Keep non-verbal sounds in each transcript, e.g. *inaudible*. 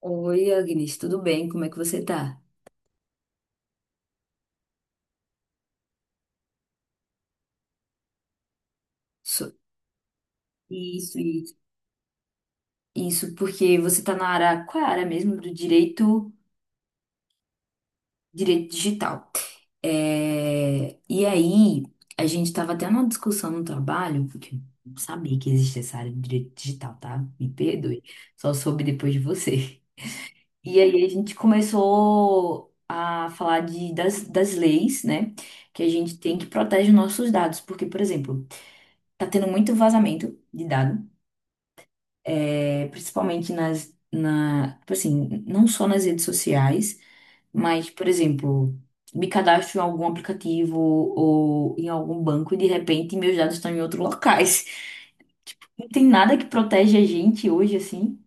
Oi, Agnes, tudo bem? Como é que você tá? So- Isso, isso, isso, porque você tá na área, qual é a área mesmo do direito, direito digital. É, e aí, a gente tava até numa discussão no trabalho, porque eu não sabia que existia essa área de direito digital, tá? Me perdoe, só soube depois de você. E aí a gente começou a falar das leis, né? Que a gente tem que proteger nossos dados, porque, por exemplo, tá tendo muito vazamento de dado. Principalmente tipo assim, não só nas redes sociais, mas, por exemplo, me cadastro em algum aplicativo ou em algum banco e de repente meus dados estão em outros locais. *laughs* Não tem nada que protege a gente hoje, assim.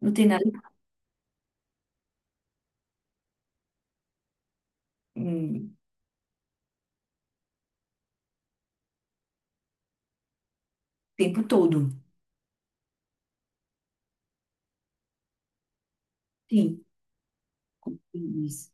Não tem nada, o tempo todo. Sim, compreendo isso.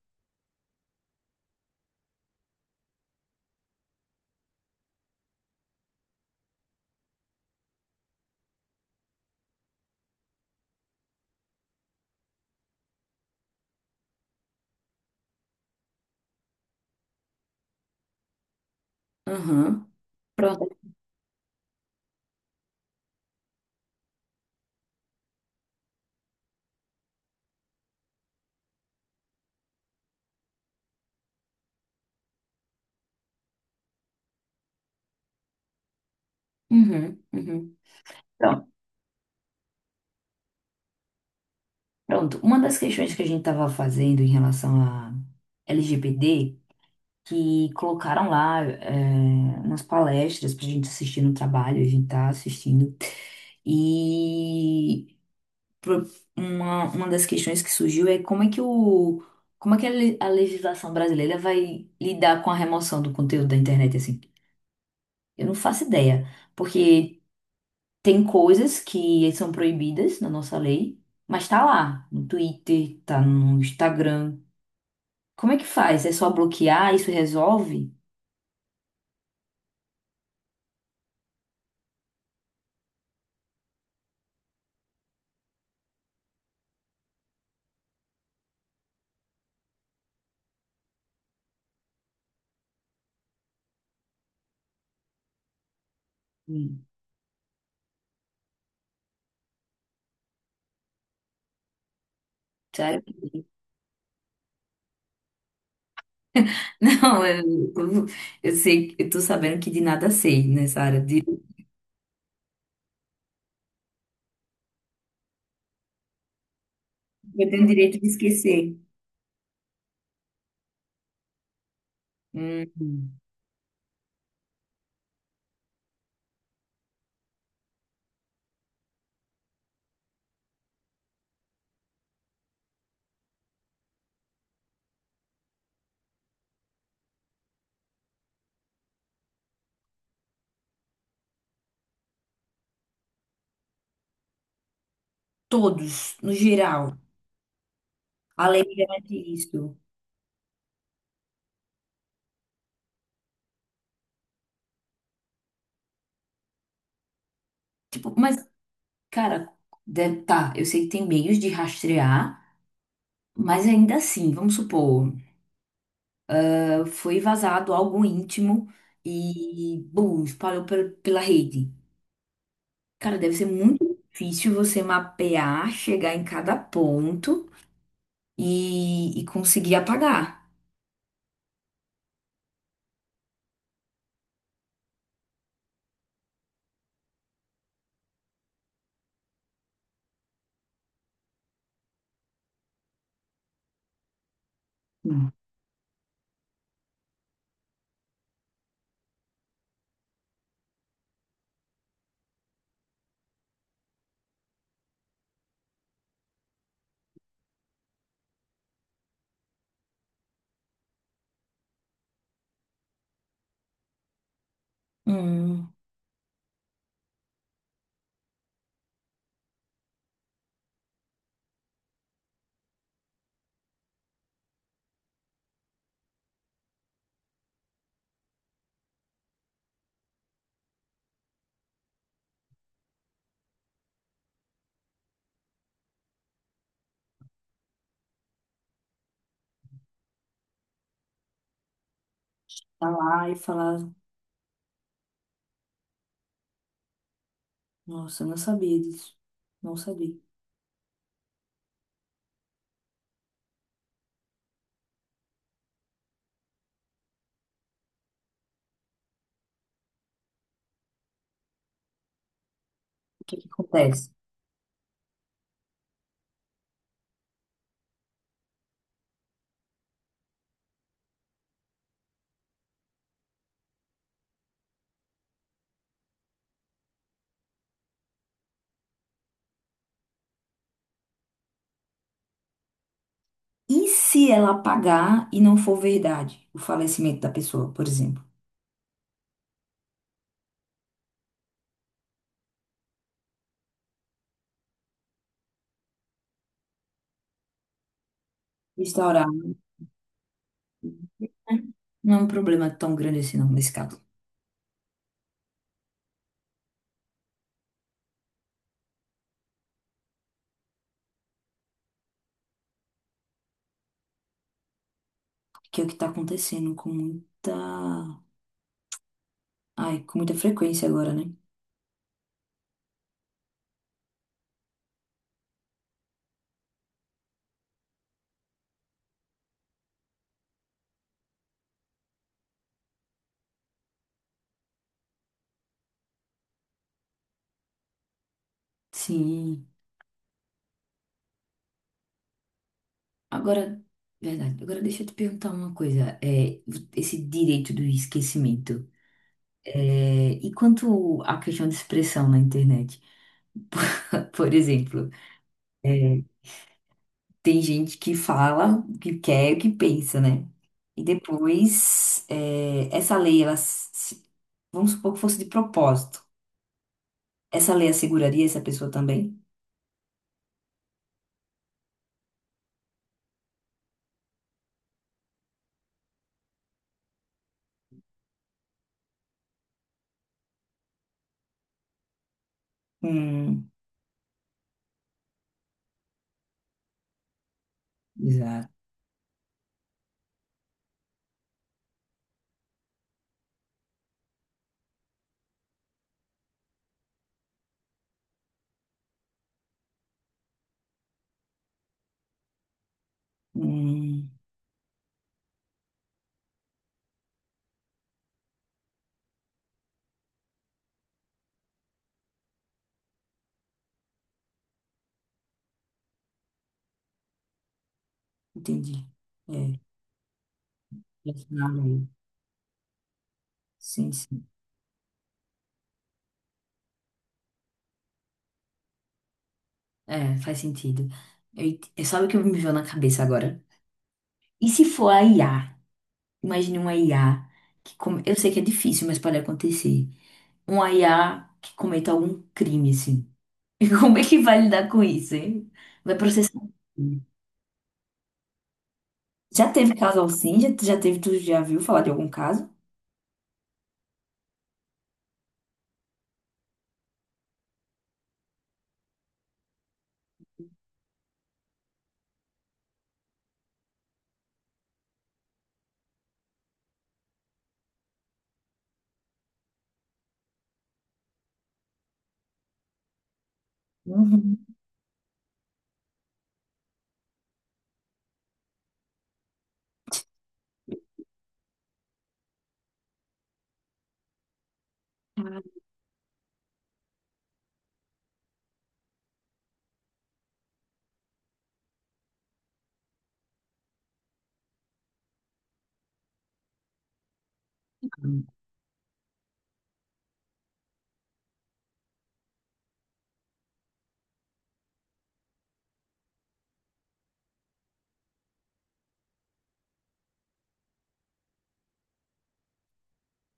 Aham. Pronto. Uhum, uhum. Pronto. Pronto. Uma das questões que a gente estava fazendo em relação a LGBT que colocaram lá é, umas palestras pra gente assistir no trabalho, a gente tá assistindo. E pro- uma das questões que surgiu é como é que a a legislação brasileira vai lidar com a remoção do conteúdo da internet, assim? Eu não faço ideia, porque tem coisas que são proibidas na nossa lei, mas tá lá, no Twitter, tá no Instagram. Como é que faz? É só bloquear? Isso resolve? Hum, sério? *laughs* Não, eu, eu eu sei, eu tô sabendo que de nada sei nessa área. De, eu tenho direito de esquecer. Hum, todos, no geral. A lei me garante isso. Tipo, mas, cara, deve, tá, eu sei que tem meios de rastrear, mas ainda assim, vamos supor, foi vazado algo íntimo e, bum, espalhou pela rede. Cara, deve ser muito difícil você mapear, chegar em cada ponto e conseguir apagar. Hum. Tá lá e falar, nossa, eu não sabia disso. Não sabia. O que que acontece? E se ela apagar e não for verdade o falecimento da pessoa, por exemplo? Restaurar, né? Não é um problema tão grande assim, não, nesse caso. Que é o que tá acontecendo com muita. Ai, com muita frequência agora, né? Sim. Agora, verdade. Agora deixa eu te perguntar uma coisa. É, esse direito do esquecimento. É, e quanto à questão de expressão na internet? *laughs* Por exemplo. Tem gente que fala o que quer, e o que pensa, né? E depois, é, essa lei, ela, vamos supor que fosse de propósito. Essa lei asseguraria essa pessoa também? Hum, exato. Hum, entendi. É, assinar a. Sim, sim. É, faz sentido. Eu, sabe o que me veio na cabeça agora? E se for a IA? Imagine uma IA que eu sei que é difícil, mas pode acontecer. Uma IA que cometa algum crime, assim. *laughs* E como é que vai lidar com isso, hein? Vai processar. Já teve caso assim? Já teve, tu já viu falar de algum caso? Uhum. Ah,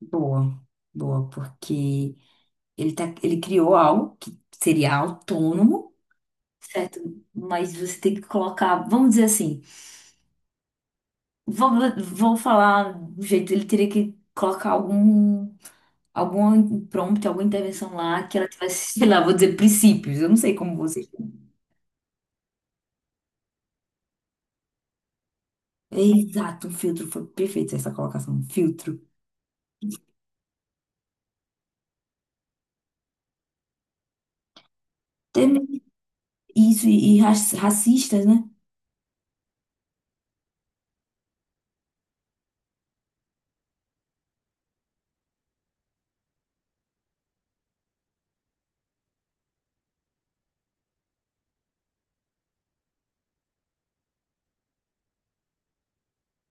boa, boa, porque ele, tá, ele criou algo que seria autônomo, certo? Mas você tem que colocar, vamos dizer assim, vou, vou falar do jeito, ele teria que colocar algum. Algum impromptu, alguma intervenção lá que ela tivesse, *laughs* sei lá, vou dizer, princípios. Eu não sei como você. Exato, um filtro foi perfeito essa colocação, um filtro. Tem. Isso, e racistas, né?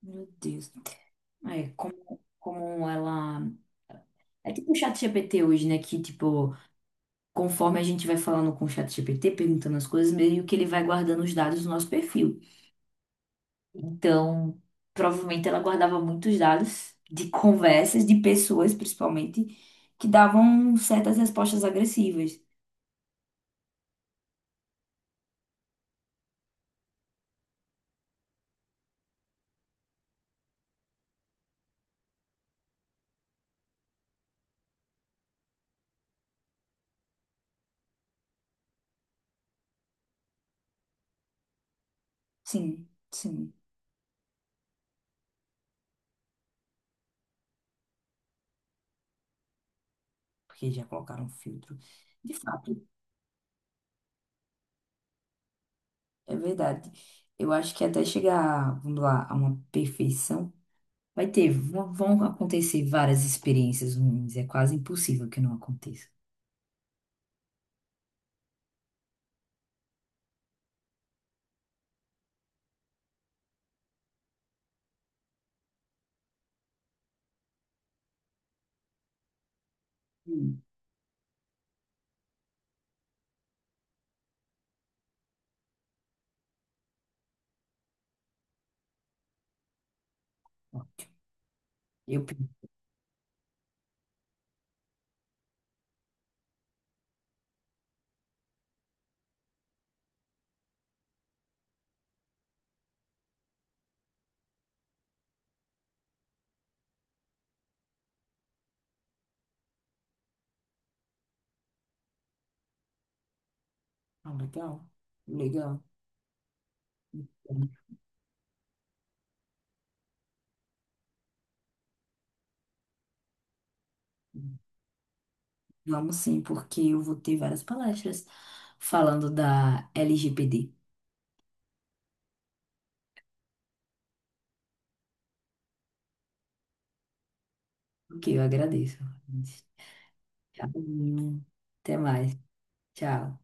Meu Deus. É, como, como ela. É tipo o chat GPT hoje, né? Que, tipo, conforme a gente vai falando com o chat GPT perguntando as coisas, meio que ele vai guardando os dados do nosso perfil. Então, provavelmente ela guardava muitos dados de conversas de pessoas, principalmente, que davam certas respostas agressivas. Sim, sim, porque já colocaram filtro. De fato, é verdade. Eu acho que até chegar, vamos lá, a uma perfeição, vai ter, vão acontecer várias experiências ruins. É quase impossível que não aconteça. Hum. Eu penso, ah, legal, legal. Vamos sim, porque eu vou ter várias palestras falando da LGPD, que eu agradeço. Tchau, até mais. Tchau.